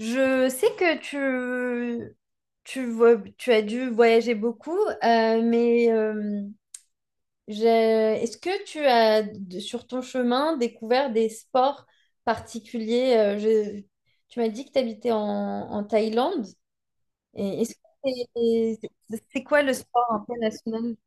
Je sais que tu as dû voyager beaucoup, mais j'ai- est-ce que tu as, sur ton chemin, découvert des sports particuliers? Tu m'as dit que tu habitais en Thaïlande. Et est-ce que t'es- c'est quoi le sport un peu national?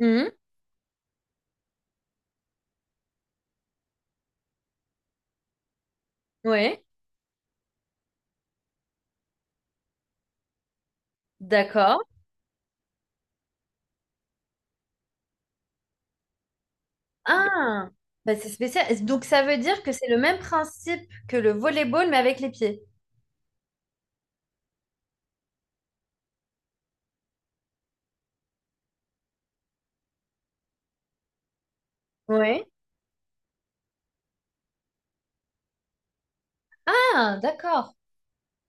Oui, ouais, d'accord. Ah, bah, c'est spécial. Donc ça veut dire que c'est le même principe que le volleyball, mais avec les pieds. Ouais. Ah, d'accord.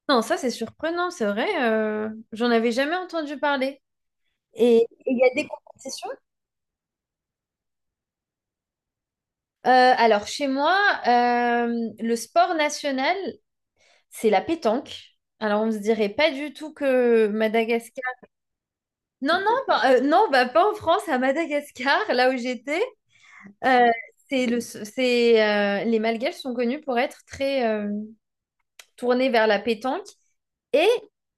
Non, ça c'est surprenant, c'est vrai. J'en avais jamais entendu parler. Et il y a des compétitions? Euh, alors chez moi, euh, le sport national, c'est la pétanque. Alors on se dirait pas du tout que Madagascar. Non, non, non, bah, pas en France, à Madagascar, là où j'étais. Euh, les Malgaches sont connus pour être très tournés vers la pétanque et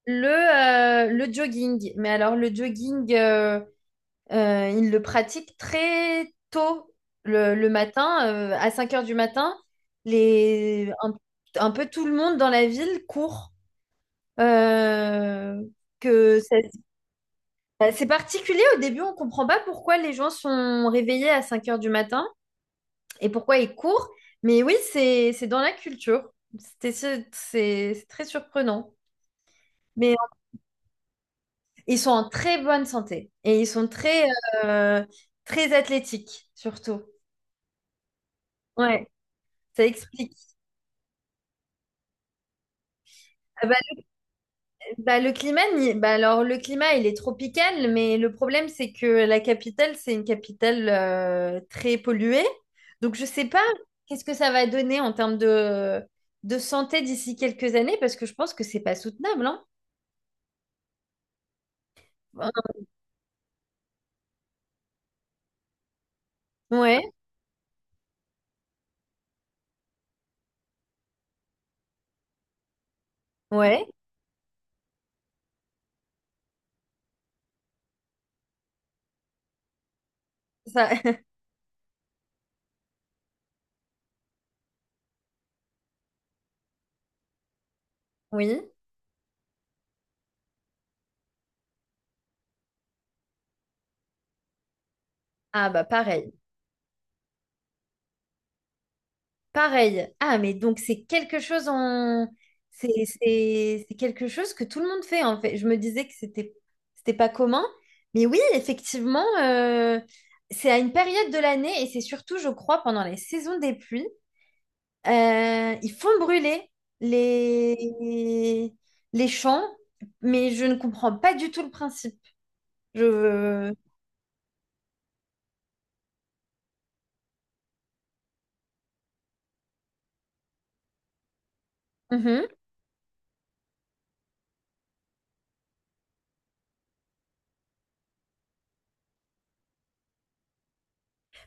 le, le jogging. Mais alors le jogging. Ils le pratiquent très tôt le matin, à 5 heures du matin. Les, un, un peu tout le monde dans la ville court. Euh, que ça- Bah, c'est particulier au début, on comprend pas pourquoi les gens sont réveillés à 5 heures du matin et pourquoi ils courent. Mais oui, c'est dans la culture. C'était, c'est très surprenant. Mais ils sont en très bonne santé et ils sont très, euh, très athlétiques, surtout. Ouais, ça explique. Ah, bah, bah, le climat, bah, alors le climat, il est tropical, mais le problème, c'est que la capitale, c'est une capitale très polluée. Donc, je sais pas qu'est-ce que ça va donner en termes de santé d'ici quelques années, parce que je pense que c'est pas soutenable, hein. Ouais, ouais, ça, oui. Ah bah pareil. Pareil. Ah, mais donc c'est quelque chose c'est quelque chose que tout le monde fait, en fait. Je me disais que c'était pas commun. Mais oui, effectivement, c'est à une période de l'année et c'est surtout, je crois, pendant les saisons des pluies, ils font brûler les... les champs, mais je ne comprends pas du tout le principe. Je... euh, Mhm.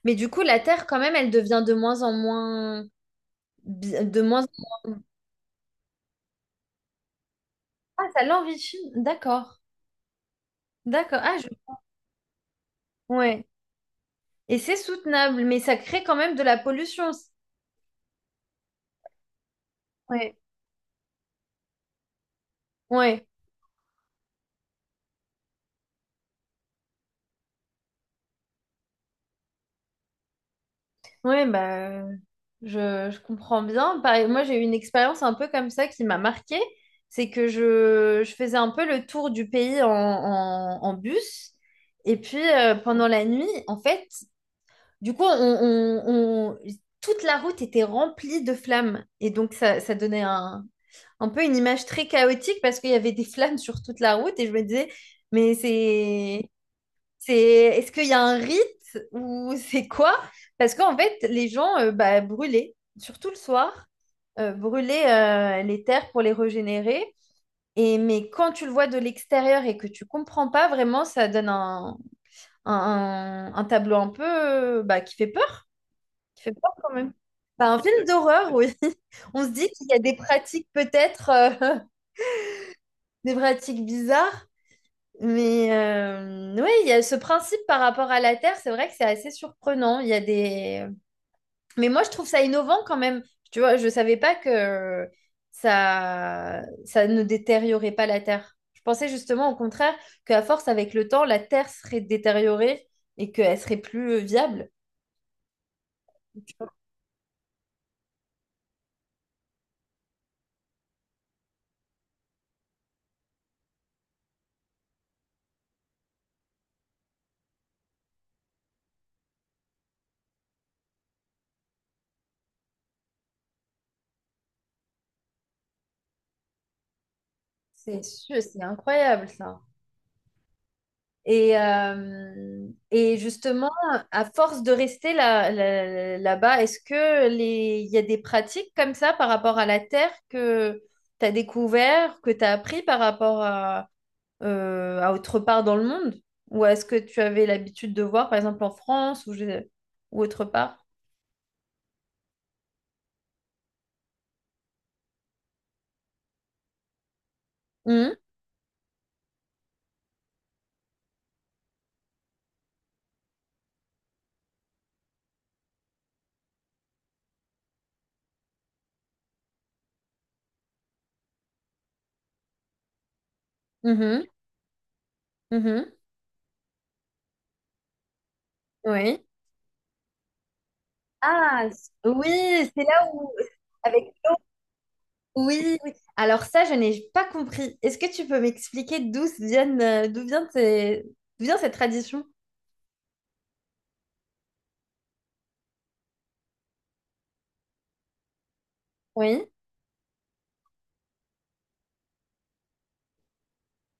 Mais du coup, la terre, quand même, elle devient de moins en moins. Ah, ça l'enrichit. D'accord. D'accord. Ouais. Et c'est soutenable, mais ça crée quand même de la pollution. Ouais. Ouais. Ouais, bah, je comprends bien. Pareil, moi, j'ai eu une expérience un peu comme ça qui m'a marquée. C'est que je faisais un peu le tour du pays en bus. Et puis, pendant la nuit, en fait, du coup, toute la route était remplie de flammes. Et donc, ça donnait un peu une image très chaotique parce qu'il y avait des flammes sur toute la route et je me disais, mais est-ce qu'il y a un rite ou c'est quoi? Parce qu'en fait, les gens bah, brûlaient, surtout le soir, brûlaient les terres pour les régénérer. Et, mais quand tu le vois de l'extérieur et que tu comprends pas vraiment, ça donne un tableau un peu bah, qui fait peur quand même. Bah, un film d'horreur, oui. On se dit qu'il y a des pratiques peut-être des pratiques bizarres. Mais oui, il y a ce principe par rapport à la Terre, c'est vrai que c'est assez surprenant. Il y a des... Mais moi, je trouve ça innovant quand même. Tu vois, je ne savais pas que ça ne détériorait pas la Terre. Je pensais justement au contraire qu'à force, avec le temps, la Terre serait détériorée et qu'elle serait plus viable. C'est sûr, c'est incroyable ça. Et justement, à force de rester là, là, là-bas, est-ce que il y a des pratiques comme ça par rapport à la terre que tu as découvert, que tu as appris par rapport à autre part dans le monde? Ou est-ce que tu avais l'habitude de voir, par exemple, en France ou, ou autre part? Mhm, mhm, mhm, oui. Ah, oui, c'est là où, avec oui, oui. Alors ça, je n'ai pas compris. Est-ce que tu peux m'expliquer d'où vient cette tradition? Oui,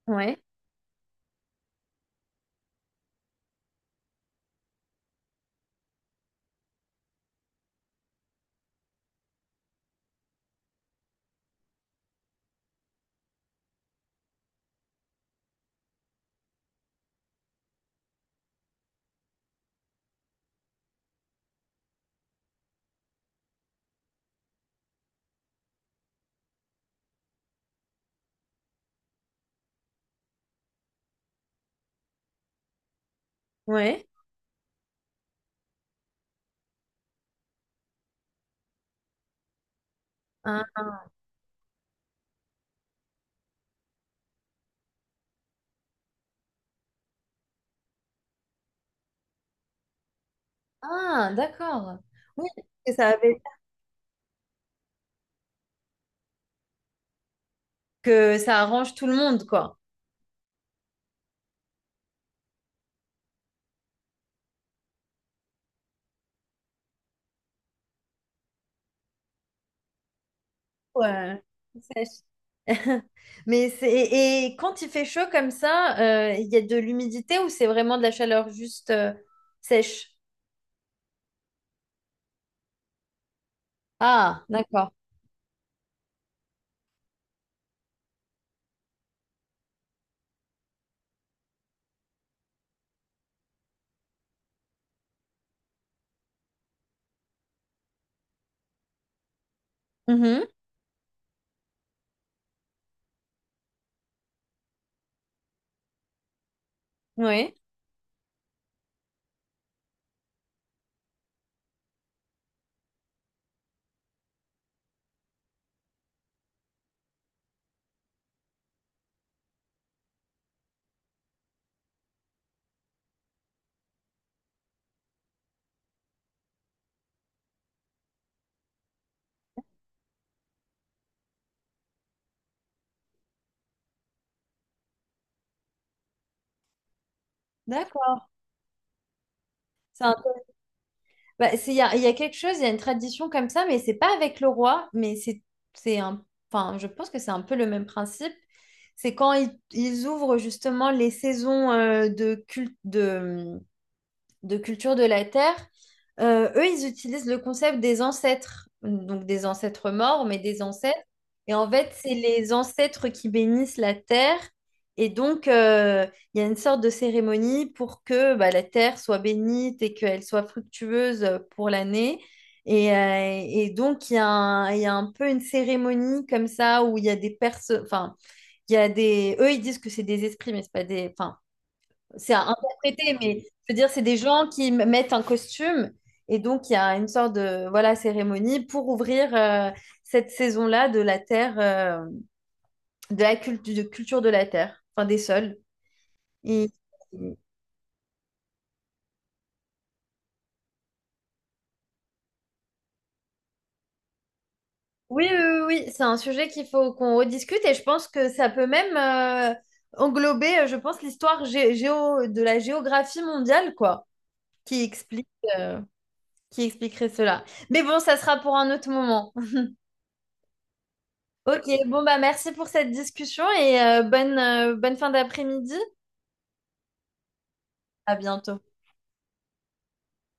oui, oui. Ah, ah, d'accord. Oui, que ça avait... que ça arrange tout le monde, quoi. Ouais. Sèche. Mais c'est et quand il fait chaud comme ça, il y a de l'humidité ou c'est vraiment de la chaleur juste sèche? Ah, d'accord. Mhm. Oui, d'accord. Bah, il y a quelque chose, il y a une tradition comme ça, mais c'est pas avec le roi, mais enfin, je pense que c'est un peu le même principe. C'est quand ils ouvrent justement les saisons de culture de la Terre, eux, ils utilisent le concept des ancêtres, donc des ancêtres morts, mais des ancêtres. Et en fait, c'est les ancêtres qui bénissent la terre. Et donc, il y a une sorte de cérémonie pour que bah, la terre soit bénite et qu'elle soit fructueuse pour l'année. Et donc, il y a un peu une cérémonie comme ça où il y a des personnes, enfin, il y a des, eux, ils disent que c'est des esprits, mais c'est pas des, enfin, c'est à interpréter, mais je veux dire, c'est des gens qui mettent un costume et donc il y a une sorte de voilà cérémonie pour ouvrir cette saison-là de la terre, de culture de la terre, enfin des sols. Et- Oui, oui, oui, oui, c'est un sujet qu'il faut qu'on rediscute et je pense que ça peut même englober, je pense, l'histoire géo de la géographie mondiale, quoi, qui explique, euh, qui expliquerait cela. Mais bon, ça sera pour un autre moment. Ok, bon bah merci pour cette discussion et bonne fin d'après-midi. À bientôt.